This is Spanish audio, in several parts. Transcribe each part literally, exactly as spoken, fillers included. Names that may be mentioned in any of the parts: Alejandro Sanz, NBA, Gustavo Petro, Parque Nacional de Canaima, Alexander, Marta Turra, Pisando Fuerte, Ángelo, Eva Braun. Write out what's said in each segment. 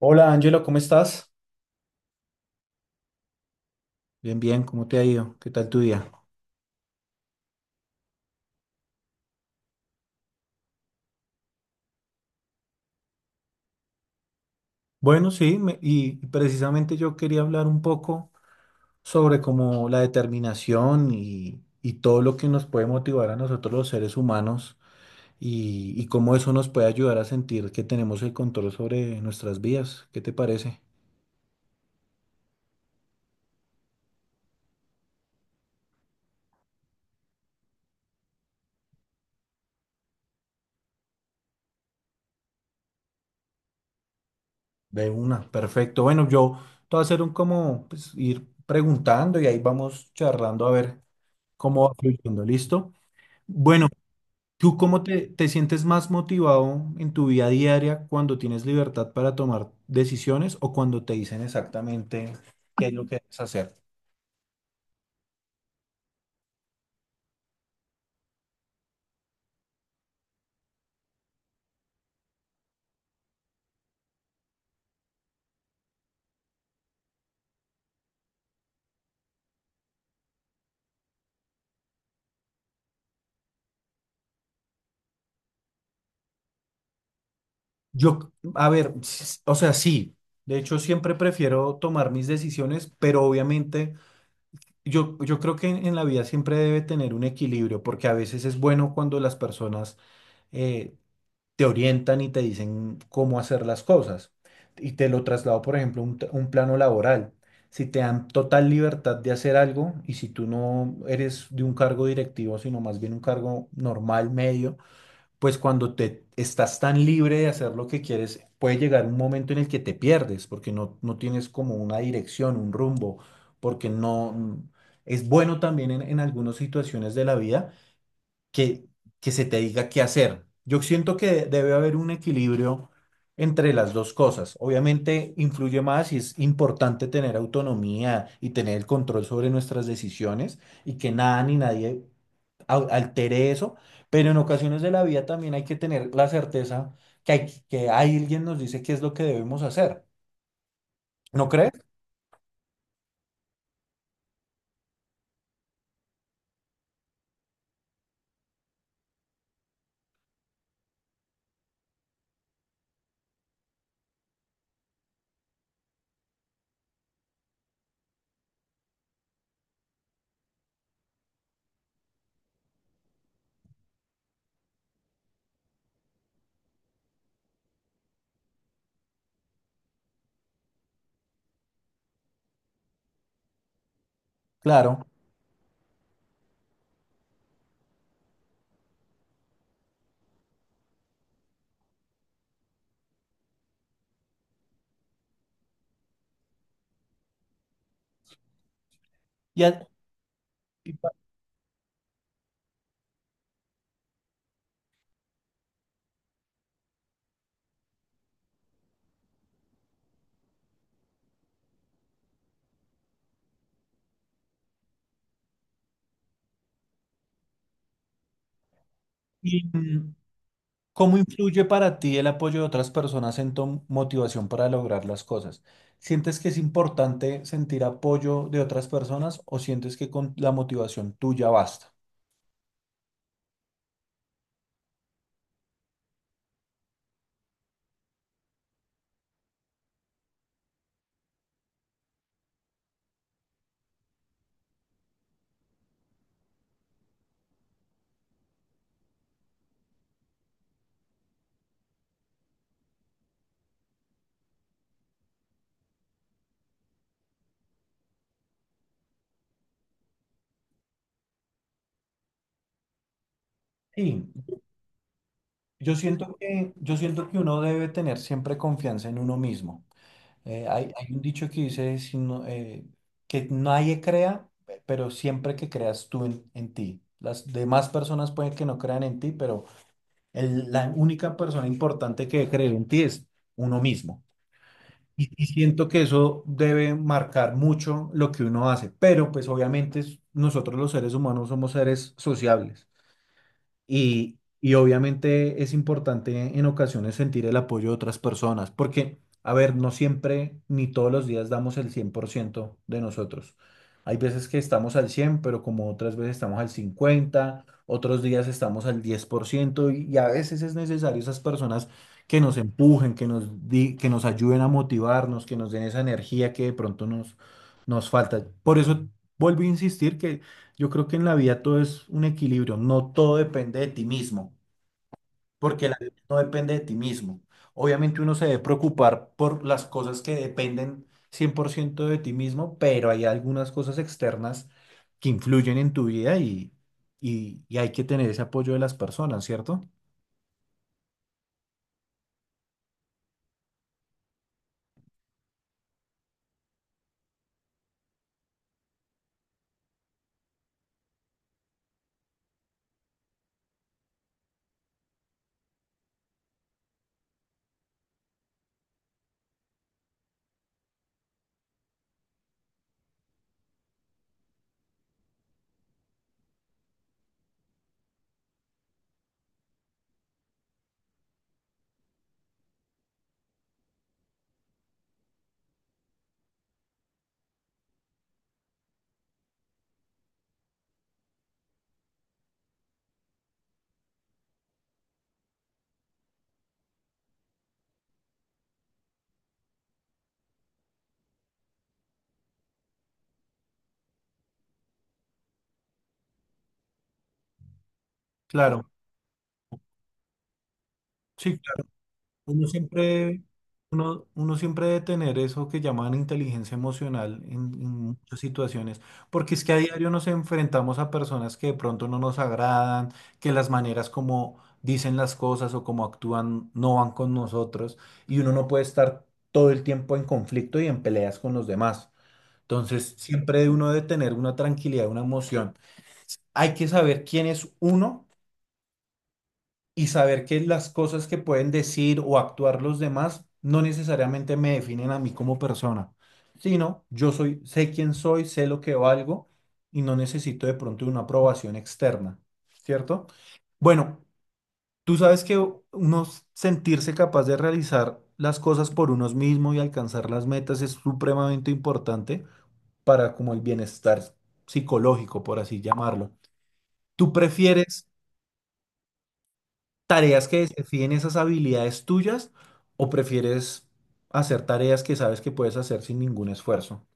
Hola Ángelo, ¿cómo estás? Bien, bien, ¿cómo te ha ido? ¿Qué tal tu día? Bueno, sí, me- y precisamente yo quería hablar un poco sobre como la determinación y, y todo lo que nos puede motivar a nosotros los seres humanos y, y cómo eso nos puede ayudar a sentir que tenemos el control sobre nuestras vidas. ¿Qué te parece? De una, perfecto. Bueno, yo te voy a hacer un como pues, ir preguntando y ahí vamos charlando a ver cómo va fluyendo, ¿listo? Bueno, ¿tú cómo te, te sientes más motivado en tu vida diaria cuando tienes libertad para tomar decisiones o cuando te dicen exactamente qué es lo que debes hacer? Yo, a ver, s- o sea, sí, de hecho siempre prefiero tomar mis decisiones, pero obviamente yo, yo creo que en, en la vida siempre debe tener un equilibrio, porque a veces es bueno cuando las personas eh, te orientan y te dicen cómo hacer las cosas. Y te lo traslado, por ejemplo, a un, t- un plano laboral. Si te dan total libertad de hacer algo y si tú no eres de un cargo directivo, sino más bien un cargo normal, medio, pues cuando te estás tan libre de hacer lo que quieres, puede llegar un momento en el que te pierdes porque no, no tienes como una dirección, un rumbo, porque no es bueno también en en algunas situaciones de la vida que, que se te diga qué hacer. Yo siento que debe haber un equilibrio entre las dos cosas. Obviamente influye más y es importante tener autonomía y tener el control sobre nuestras decisiones y que nada ni nadie au- altere eso, pero en ocasiones de la vida también hay que tener la certeza que, hay, que alguien nos dice qué es lo que debemos hacer. ¿No crees? Claro. Y, a- y, pa- y, mm, ¿Cómo influye para ti el apoyo de otras personas en tu motivación para lograr las cosas? ¿Sientes que es importante sentir apoyo de otras personas o sientes que con la motivación tuya basta? Sí, yo siento que, yo siento que uno debe tener siempre confianza en uno mismo. Eh, hay, hay un dicho que dice si no, eh, que nadie crea, pe- pero siempre que creas tú en, en ti. Las demás personas pueden que no crean en ti, pero el- la única persona importante que debe creer en ti es uno mismo. Y y siento que eso debe marcar mucho lo que uno hace, pero pues obviamente es- nosotros los seres humanos somos seres sociables. Y, y obviamente es importante en ocasiones sentir el apoyo de otras personas, porque, a ver, no siempre ni todos los días damos el cien por ciento de nosotros. Hay veces que estamos al cien pero como otras veces estamos al cincuenta, otros días estamos al diez por ciento y, y a veces es necesario esas personas que nos empujen, que nos di- que nos ayuden a motivarnos, que nos den esa energía que de pronto nos, nos falta. Por eso vuelvo a insistir, yo creo que en la vida todo es un equilibrio, no todo depende de ti mismo, porque la vida no depende de ti mismo. Obviamente uno se debe preocupar por las cosas que dependen cien por ciento de ti mismo, pero hay algunas cosas externas que influyen en tu vida y, y, y hay que tener ese apoyo de las personas, ¿cierto? Claro, sí, claro. Uno siempre, uno, uno siempre debe tener eso que llaman inteligencia emocional en, en muchas situaciones, porque es que a diario nos enfrentamos a personas que de pronto no nos agradan, que las maneras como dicen las cosas o como actúan no van con nosotros, y uno no puede estar todo el tiempo en conflicto y en peleas con los demás. Entonces, siempre uno debe tener una tranquilidad, una emoción. Hay que saber quién es uno y saber que las cosas que pueden decir o actuar los demás no necesariamente me definen a mí como persona, sino yo soy, sé quién soy, sé lo que valgo y no necesito de pronto una aprobación externa, ¿cierto? Bueno, tú sabes que uno sentirse capaz de realizar las cosas por uno mismo y alcanzar las metas es supremamente importante para como el bienestar psicológico, por así llamarlo. ¿Tú prefieres tareas que desafíen esas habilidades tuyas o prefieres hacer tareas que sabes que puedes hacer sin ningún esfuerzo?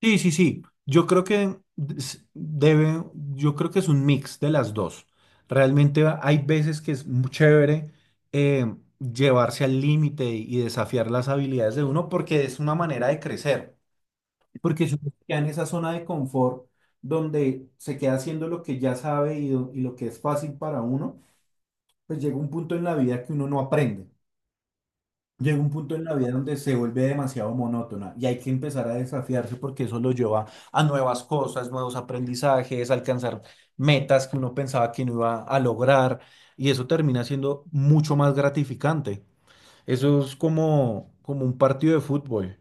Sí, sí, sí. Yo creo que des- debe, yo creo que es un mix de las dos. Realmente a- hay veces que es muy chévere eh, llevarse al límite y desafiar las habilidades de uno porque es una manera de crecer. Porque si uno se queda en esa zona de confort donde se queda haciendo lo que ya sabe y, do- y lo que es fácil para uno, pues llega un punto en la vida que uno no aprende. Llega un punto en la vida donde se vuelve demasiado monótona y hay que empezar a desafiarse porque eso lo lleva a nuevas cosas, nuevos aprendizajes, alcanzar metas que uno pensaba que no iba a lograr y eso termina siendo mucho más gratificante. Eso es como, como un partido de fútbol.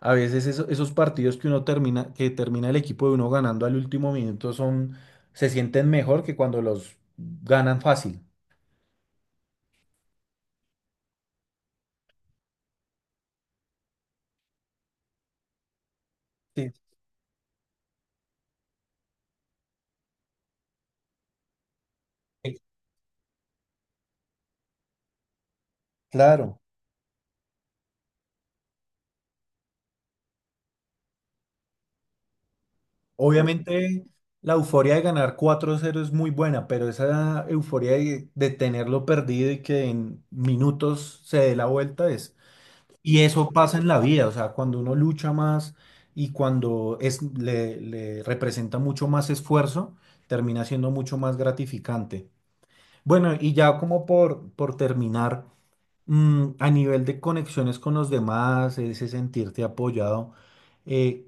A veces eso- esos partidos que uno termina, que termina el equipo de uno ganando al último minuto son, se sienten mejor que cuando los ganan fácil. Sí. Eh, claro. Obviamente la euforia de ganar cuatro cero es muy buena, pero esa euforia de, de tenerlo perdido y que en minutos se dé la vuelta es... Y eso pasa en la vida, o sea, cuando uno lucha más y cuando es, le, le representa mucho más esfuerzo, termina siendo mucho más gratificante. Bueno, y ya como por, por terminar, Mm, a nivel de conexiones con los demás, ese sentirte apoyado, eh,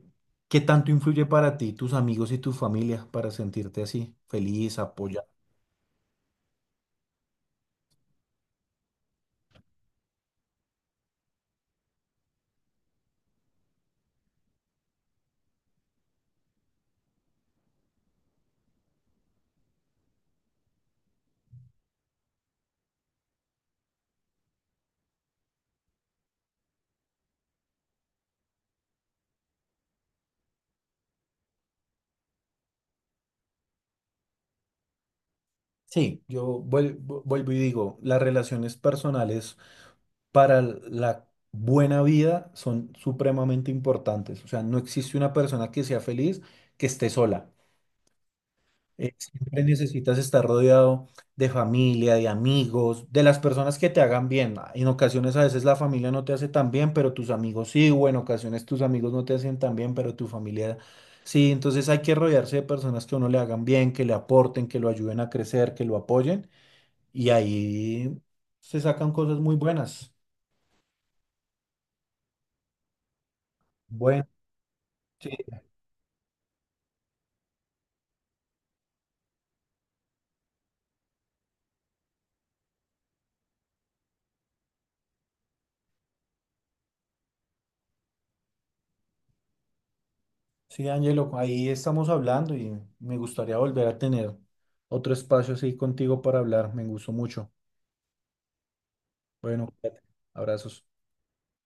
¿qué tanto influye para ti, tus amigos y tu familia para sentirte así, feliz, apoyado? Sí, yo vuel- vu- vuelvo y digo, las relaciones personales para la buena vida son supremamente importantes. O sea, no existe una persona que sea feliz que esté sola. Eh, siempre necesitas estar rodeado de familia, de amigos, de las personas que te hagan bien. En ocasiones a veces la familia no te hace tan bien, pero tus amigos sí, o en ocasiones tus amigos no te hacen tan bien, pero tu familia sí. Entonces hay que rodearse de personas que a uno le hagan bien, que le aporten, que lo ayuden a crecer, que lo apoyen, y ahí se sacan cosas muy buenas. Bueno, sí, sí, Ángelo, ahí estamos hablando y me gustaría volver a tener otro espacio así contigo para hablar. Me gustó mucho. Bueno, cuídate. Abrazos.